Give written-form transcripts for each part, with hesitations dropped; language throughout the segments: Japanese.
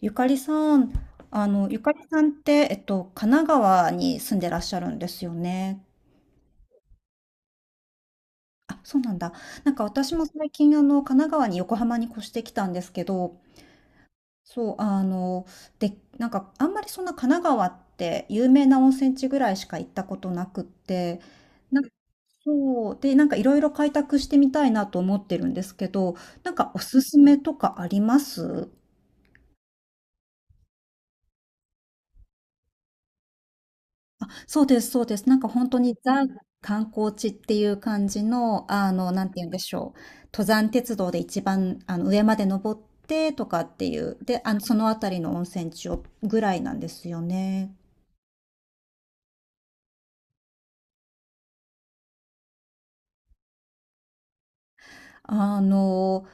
ゆかりさん、ゆかりさんって、神奈川に住んでらっしゃるんですよね。あ、そうなんだ。なんか私も最近、神奈川に横浜に越してきたんですけど、そう、で、なんか、あんまりそんな神奈川って有名な温泉地ぐらいしか行ったことなくって、なんそう、で、なんかいろいろ開拓してみたいなと思ってるんですけど、なんかおすすめとかあります？そうです、そうです。なんか本当にザ観光地っていう感じの、なんて言うんでしょう。登山鉄道で一番、上まで登ってとかっていう。で、そのあたりの温泉地をぐらいなんですよね。あの、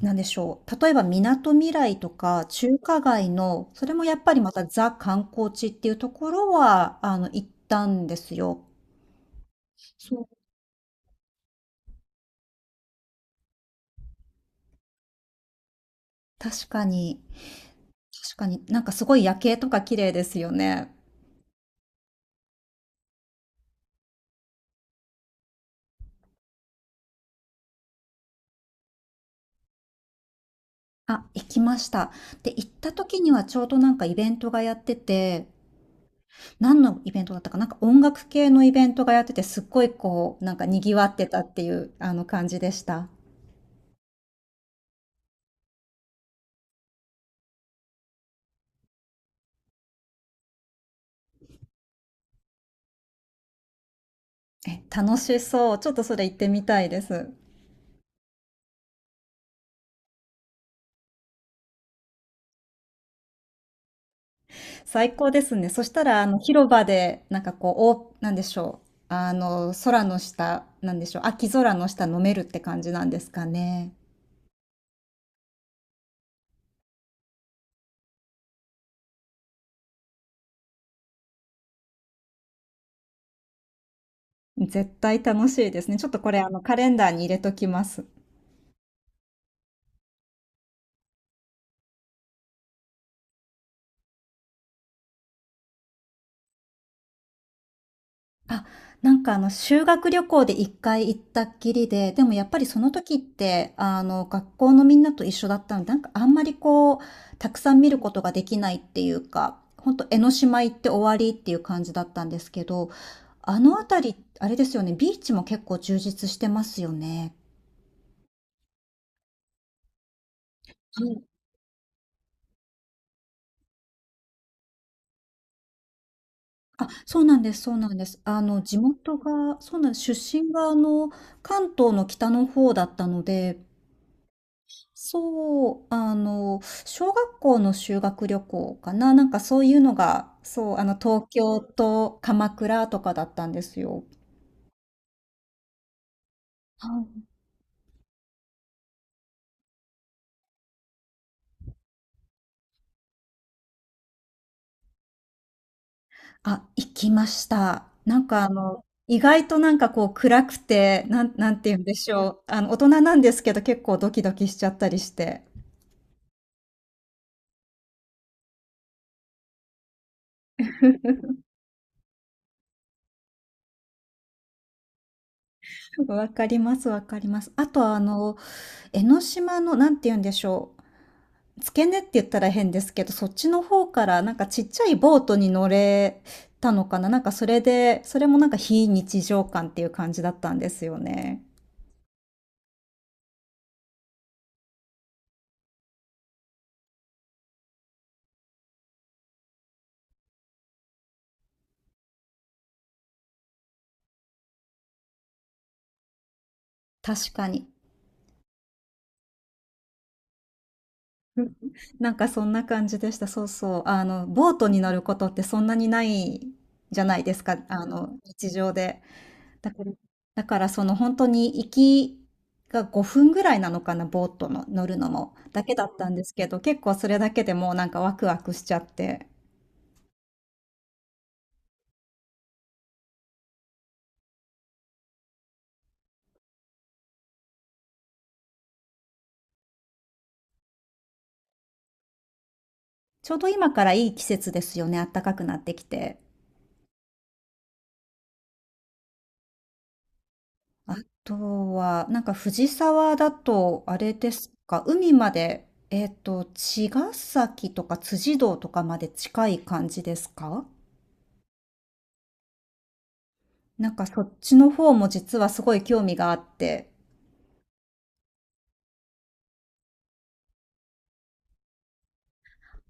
なんでしょう。例えば、みなとみらいとか、中華街の、それもやっぱりまたザ観光地っていうところは、行ったんですよ。そう。確かに、確かになんかすごい夜景とか綺麗ですよね。あ、行きました。で、行った時にはちょうどなんかイベントがやってて、何のイベントだったかななんか音楽系のイベントがやってて、すっごいこう、なんか賑わってたっていう、あの感じでした。え、楽しそう。ちょっとそれ行ってみたいです。最高ですね。そしたら、広場で、なんかこう、なんでしょう。空の下、なんでしょう。秋空の下飲めるって感じなんですかね。絶対楽しいですね。ちょっとこれ、カレンダーに入れときます。あ、なんかあの修学旅行で1回行ったっきりで、でもやっぱりその時って、あの学校のみんなと一緒だったので、なんかあんまりこう、たくさん見ることができないっていうか、ほんと江ノ島行って終わりっていう感じだったんですけど、あの辺り、あれですよね、ビーチも結構充実してますよね。はい。あ、そうなんです、そうなんです。地元が、そうなんです。出身が、関東の北の方だったので、そう、小学校の修学旅行かな、なんかそういうのが、そう、東京と鎌倉とかだったんですよ。はい。あ、行きました。なんかあの、意外となんかこう暗くて、なんて言うんでしょう。大人なんですけど結構ドキドキしちゃったりして。わかります、わかります。あと江ノ島の、なんて言うんでしょう。付け根って言ったら変ですけど、そっちの方からなんかちっちゃいボートに乗れたのかななんかそれで、それもなんか非日常感っていう感じだったんですよね。確かに。なんかそんな感じでした。そうそう。ボートに乗ることってそんなにないじゃないですか。日常で。だから、その本当に行きが5分ぐらいなのかな、ボートの乗るのも。だけだったんですけど、結構それだけでもうなんかワクワクしちゃって。ちょうど今からいい季節ですよね、暖かくなってきて。あとは、なんか藤沢だと、あれですか、海まで、茅ヶ崎とか辻堂とかまで近い感じですか？なんかそっちの方も実はすごい興味があって、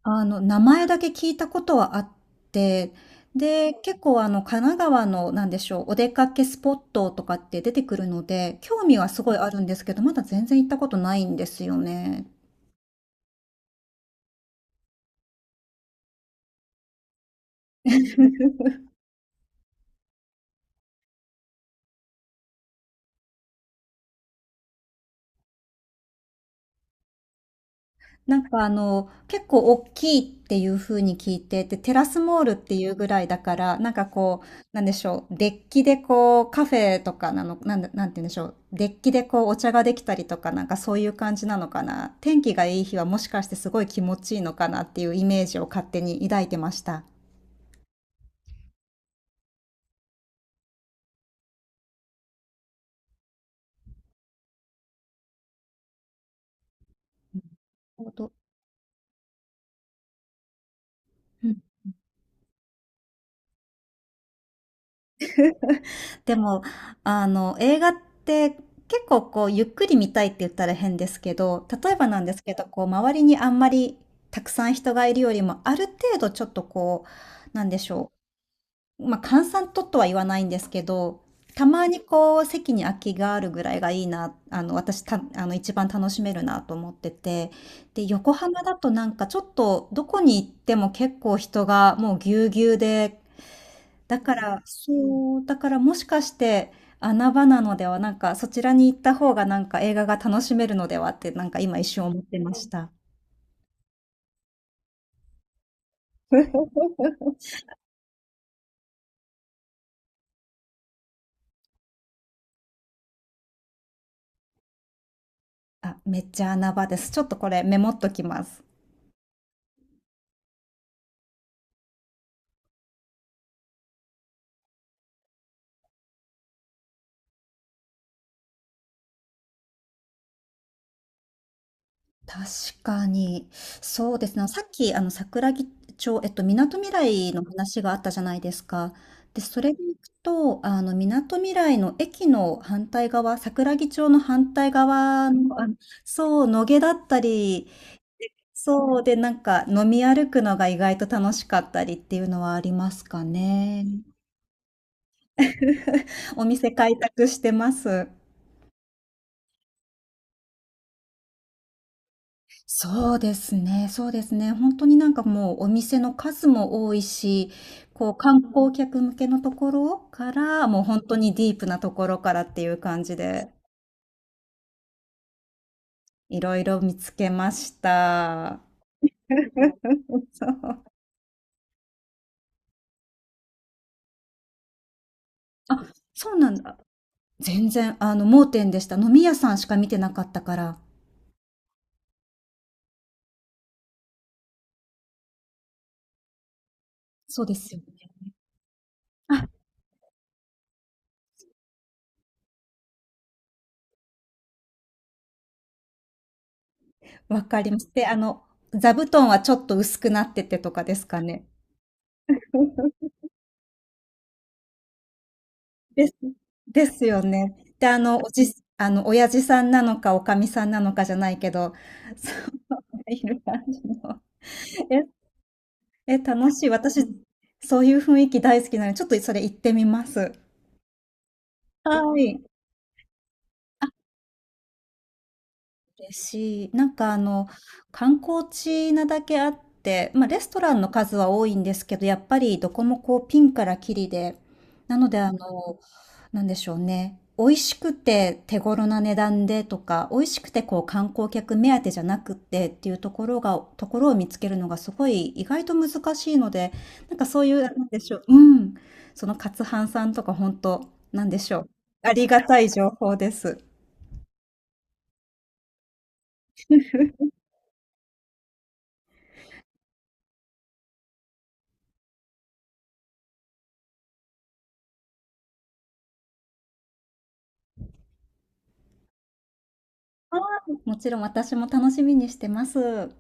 名前だけ聞いたことはあって、で、結構神奈川の、なんでしょう、お出かけスポットとかって出てくるので、興味はすごいあるんですけど、まだ全然行ったことないんですよね。なんか結構大きいっていう風に聞いて、で、テラスモールっていうぐらいだから、なんかこう、なんでしょう、デッキでこう、カフェとかなの、なんだ、なんて言うんでしょう、デッキでこう、お茶ができたりとか、なんかそういう感じなのかな。天気がいい日はもしかしてすごい気持ちいいのかなっていうイメージを勝手に抱いてました。なるほど。でも、映画って結構こう、ゆっくり見たいって言ったら変ですけど、例えばなんですけど、こう、周りにあんまりたくさん人がいるよりも、ある程度ちょっとこう、なんでしょう。まあ、閑散ととは言わないんですけど、たまにこう、席に空きがあるぐらいがいいな、あの、私た、あの、一番楽しめるなと思ってて、で、横浜だとなんかちょっと、どこに行っても結構人がもうぎゅうぎゅうで、だから、そう、だからもしかして、穴場なのでは、なんかそちらに行った方がなんか映画が楽しめるのではって、なんか今一瞬思ってました。あ、めっちゃ穴場です。ちょっとこれメモっときます。確かに、そうですね。さっき、桜木町、みなとみらいの話があったじゃないですか。で、それでいくと、みなとみらいの駅の反対側、桜木町の反対側の、そう、野毛だったり、そうで、なんか飲み歩くのが意外と楽しかったりっていうのはありますかね。お店開拓してます。そうですね、そうですね。本当になんかもうお店の数も多いし、こう観光客向けのところから、もう本当にディープなところからっていう感じで、いろいろ見つけました。そう。あ、そうなんだ。全然、盲点でした。飲み屋さんしか見てなかったから。そうですよね。わかります。で、座布団はちょっと薄くなっててとかですかね。です。ですよね。で、あの、おじ、あの、親父さんなのか、おかみさんなのかじゃないけど、そう、いる感じの。え、え、楽しい。私、そういう雰囲気大好きなので、ちょっとそれ行ってみます。はい。嬉しい。なんか観光地なだけあって、まあレストランの数は多いんですけど、やっぱりどこもこうピンからキリで、なのでなんでしょうね。美味しくて手頃な値段でとか、美味しくてこう観光客目当てじゃなくってっていうところを見つけるのがすごい意外と難しいので、なんかそういう、なんでしょう。うん。そのカツハンさんとか本当、なんでしょう。ありがたい情報です。あーもちろん私も楽しみにしてます。